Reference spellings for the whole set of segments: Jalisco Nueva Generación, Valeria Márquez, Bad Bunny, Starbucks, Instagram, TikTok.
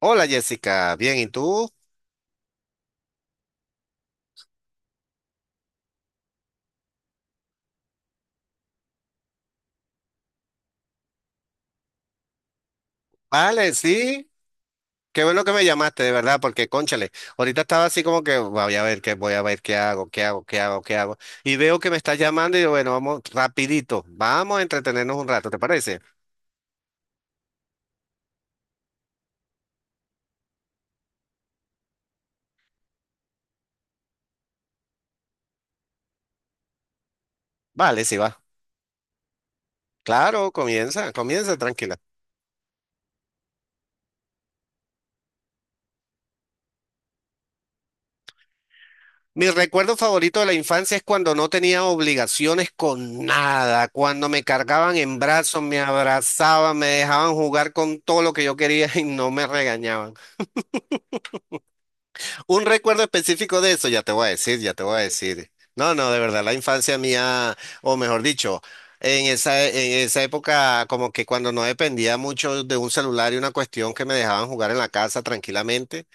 Hola Jessica, bien, ¿y tú? Vale, sí, qué bueno que me llamaste, de verdad, porque cónchale, ahorita estaba así como que voy a ver qué, voy a ver qué hago, qué hago, qué hago, qué hago. Y veo que me estás llamando y digo, bueno, vamos rapidito, vamos a entretenernos un rato, ¿te parece? Vale, sí va. Claro, comienza, comienza, tranquila. Mi recuerdo favorito de la infancia es cuando no tenía obligaciones con nada, cuando me cargaban en brazos, me abrazaban, me dejaban jugar con todo lo que yo quería y no me regañaban. Un recuerdo específico de eso, ya te voy a decir, ya te voy a decir. No, no, de verdad, la infancia mía, o mejor dicho, en esa época, como que cuando no dependía mucho de un celular y una cuestión que me dejaban jugar en la casa tranquilamente,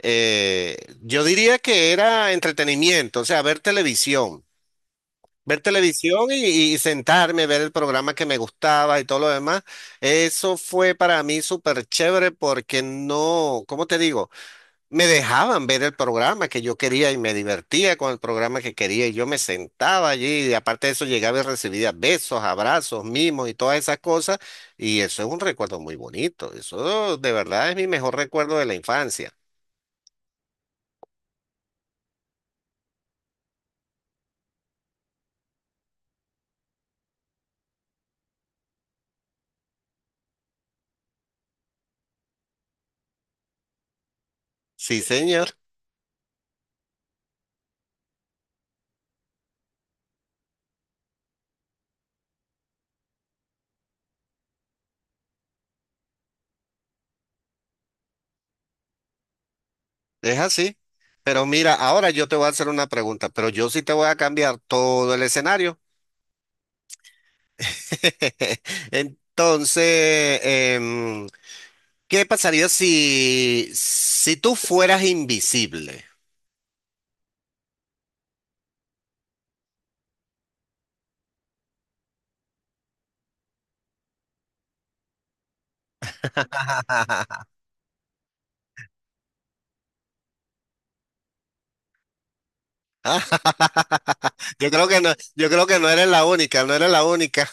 eh, yo diría que era entretenimiento, o sea, ver televisión. Ver televisión y sentarme, ver el programa que me gustaba y todo lo demás. Eso fue para mí súper chévere porque no, ¿cómo te digo? Me dejaban ver el programa que yo quería y me divertía con el programa que quería y yo me sentaba allí y aparte de eso llegaba y recibía besos, abrazos, mimos y todas esas cosas y eso es un recuerdo muy bonito, eso de verdad es mi mejor recuerdo de la infancia. Sí, señor, es así. Pero mira, ahora yo te voy a hacer una pregunta, pero yo sí te voy a cambiar todo el escenario. Entonces, ¿qué pasaría si tú fueras invisible? Yo creo que no, yo creo que no eres la única, no eres la única.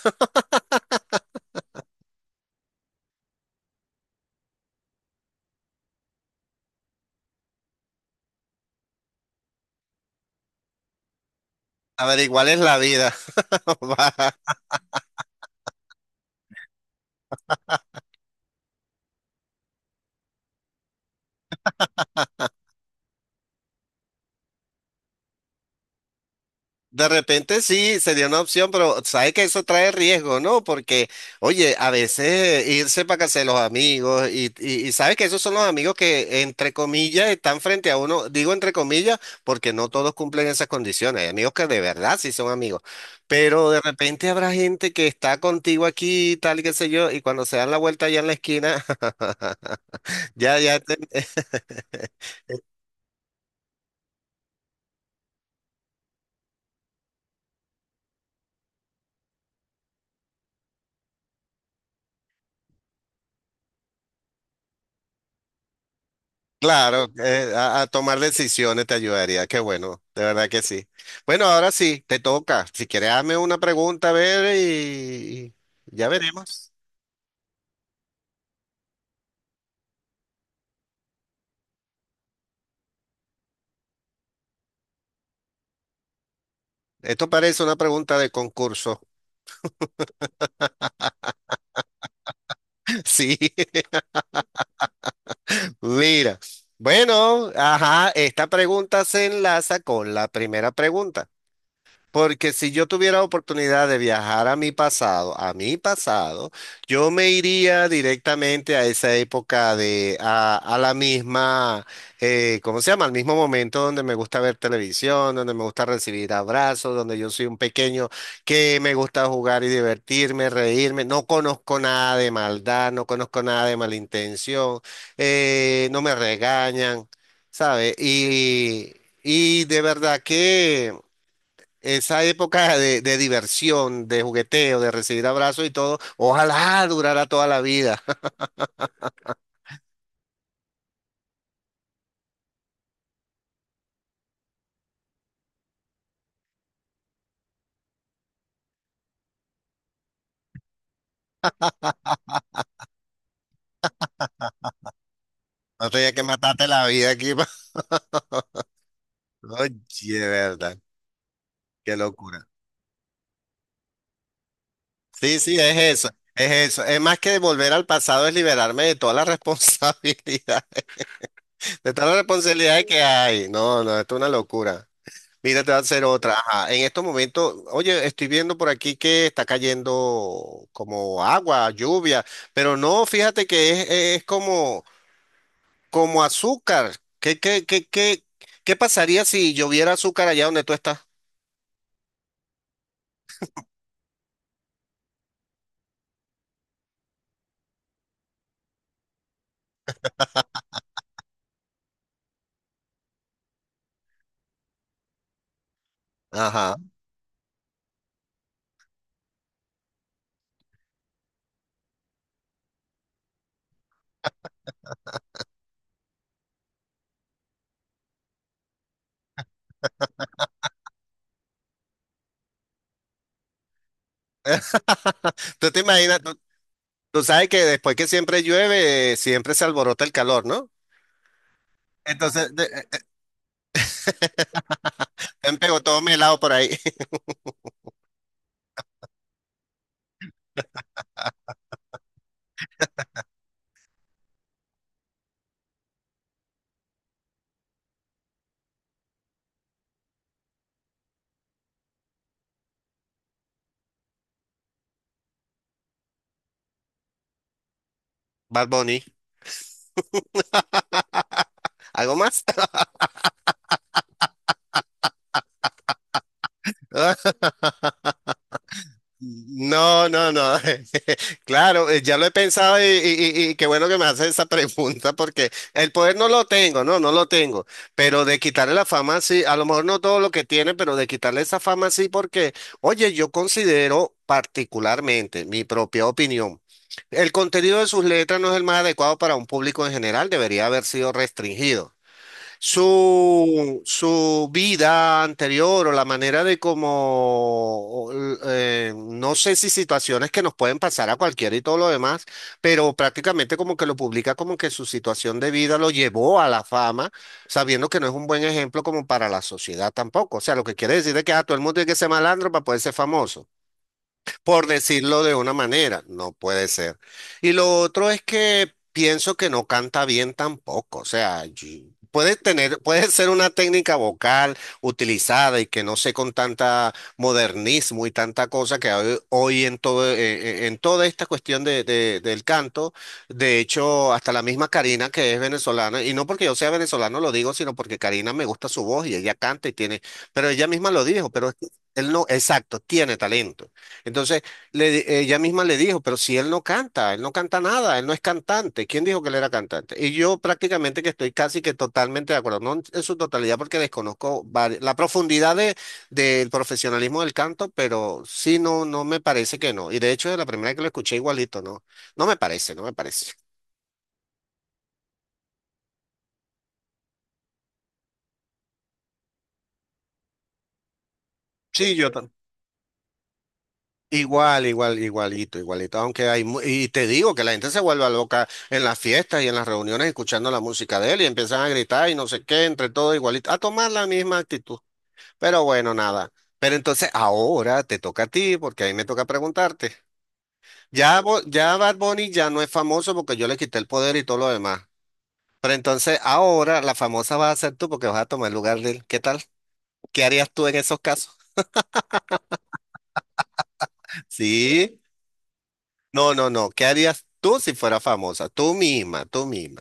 A ver, igual es la vida. Va. De repente sí, sería una opción, pero sabes que eso trae riesgo, ¿no? Porque, oye, a veces irse para casa de los amigos y sabes que esos son los amigos que, entre comillas, están frente a uno. Digo entre comillas porque no todos cumplen esas condiciones. Hay amigos que de verdad sí son amigos, pero de repente habrá gente que está contigo aquí, tal, qué sé yo, y cuando se dan la vuelta allá en la esquina. Ya, ya, claro, a tomar decisiones te ayudaría. Qué bueno, de verdad que sí. Bueno, ahora sí, te toca. Si quieres, hazme una pregunta, a ver, y ya veremos. Esto parece una pregunta de concurso. Sí, mira. Bueno, ajá, esta pregunta se enlaza con la primera pregunta. Porque si yo tuviera oportunidad de viajar a mi pasado, yo me iría directamente a esa época de, a la misma, ¿cómo se llama? Al mismo momento donde me gusta ver televisión, donde me gusta recibir abrazos, donde yo soy un pequeño que me gusta jugar y divertirme, reírme. No conozco nada de maldad, no conozco nada de malintención, no me regañan, ¿sabes? Y de verdad que... Esa época de diversión, de jugueteo, de recibir abrazos y todo, ojalá durara toda la vida. No tenía que matarte la vida aquí. Pa- Oye, verdad, qué locura. Sí, sí, es eso, es eso. Es más que volver al pasado, es liberarme de toda la responsabilidad, de toda la responsabilidad que hay. No, no, esto es una locura. Mira, te voy a hacer otra. Ajá, en estos momentos, oye, estoy viendo por aquí que está cayendo como agua, lluvia, pero no, fíjate que es como como azúcar. ¿Qué, qué, qué, qué, qué pasaría si lloviera azúcar allá donde tú estás? Ajá. Tú te imaginas, tú sabes que después que siempre llueve, siempre se alborota el calor, ¿no? Entonces, me pegó todo mi helado por ahí. Bad Bunny. ¿Algo más? No, no, no. Claro, ya lo he pensado y, y qué bueno que me haces esa pregunta porque el poder no lo tengo, no, no lo tengo. Pero de quitarle la fama, sí, a lo mejor no todo lo que tiene, pero de quitarle esa fama, sí, porque, oye, yo considero particularmente mi propia opinión. El contenido de sus letras no es el más adecuado para un público en general, debería haber sido restringido su, su vida anterior o la manera de cómo, no sé si situaciones que nos pueden pasar a cualquiera y todo lo demás, pero prácticamente como que lo publica como que su situación de vida lo llevó a la fama, sabiendo que no es un buen ejemplo como para la sociedad tampoco. O sea, lo que quiere decir es que a todo el mundo tiene que ser malandro para poder ser famoso por decirlo de una manera, no puede ser. Y lo otro es que pienso que no canta bien tampoco, o sea, yo- puede tener, puede ser una técnica vocal utilizada y que no sé con tanta modernismo y tanta cosa que hay hoy en todo, en toda esta cuestión del canto. De hecho, hasta la misma Karina que es venezolana, y no porque yo sea venezolano lo digo, sino porque Karina me gusta su voz y ella canta y tiene, pero ella misma lo dijo, pero es que él no, exacto, tiene talento. Entonces, le di- ella misma le dijo, pero si él no canta, él no canta nada, él no es cantante. ¿Quién dijo que él era cantante? Y yo prácticamente que estoy casi que totalmente de acuerdo, no en, en su totalidad porque desconozco vari- la profundidad de, del profesionalismo del canto, pero sí, no, no me parece que no. Y de hecho, de la primera vez que lo escuché igualito, no, no me parece, no me parece. Sí, yo, ta- igual, igual, igualito, igualito. Aunque hay, mu- y te digo que la gente se vuelve loca en las fiestas y en las reuniones escuchando la música de él y empiezan a gritar y no sé qué, entre todo igualito, a tomar la misma actitud. Pero bueno, nada. Pero entonces ahora te toca a ti, porque ahí me toca preguntarte. Ya, Bo- ya Bad Bunny ya no es famoso porque yo le quité el poder y todo lo demás. Pero entonces ahora la famosa vas a ser tú porque vas a tomar el lugar de él. ¿Qué tal? ¿Qué harías tú en esos casos? Sí. No, no, no. ¿Qué harías tú si fueras famosa? Tú misma, tú misma.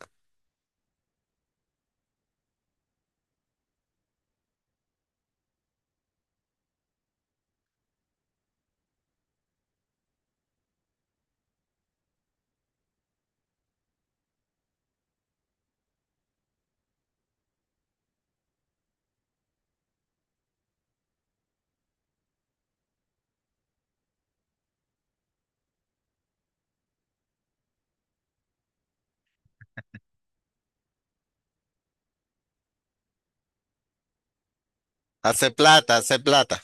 Hace plata, hace plata.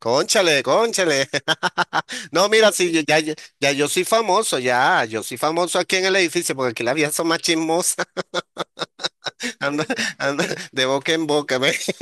Cónchale, cónchale. No, mira, sí, yo- ya, ya, ya yo soy famoso, ya. Yo soy famoso aquí en el edificio porque aquí las vías son más chismosas. Anda, anda. De boca en boca.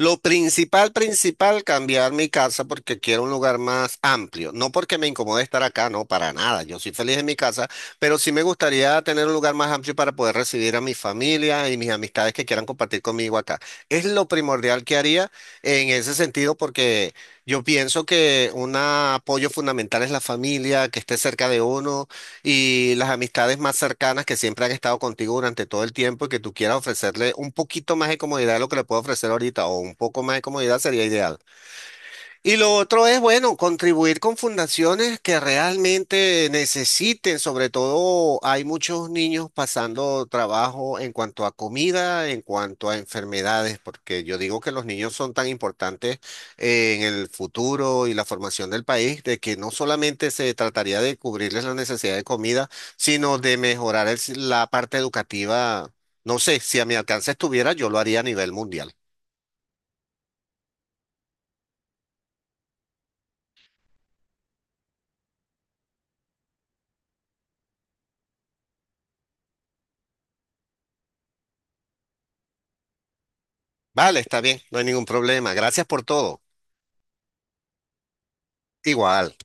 Lo principal, principal, cambiar mi casa porque quiero un lugar más amplio. No porque me incomode estar acá, no, para nada. Yo soy feliz en mi casa, pero sí me gustaría tener un lugar más amplio para poder recibir a mi familia y mis amistades que quieran compartir conmigo acá. Es lo primordial que haría en ese sentido porque yo pienso que un apoyo fundamental es la familia, que esté cerca de uno y las amistades más cercanas que siempre han estado contigo durante todo el tiempo y que tú quieras ofrecerle un poquito más de comodidad de lo que le puedo ofrecer ahorita o un poco más de comodidad sería ideal. Y lo otro es, bueno, contribuir con fundaciones que realmente necesiten, sobre todo hay muchos niños pasando trabajo en cuanto a comida, en cuanto a enfermedades, porque yo digo que los niños son tan importantes en el futuro y la formación del país, de que no solamente se trataría de cubrirles la necesidad de comida, sino de mejorar el si- la parte educativa. No sé, si a mi alcance estuviera, yo lo haría a nivel mundial. Vale, está bien, no hay ningún problema. Gracias por todo. Igual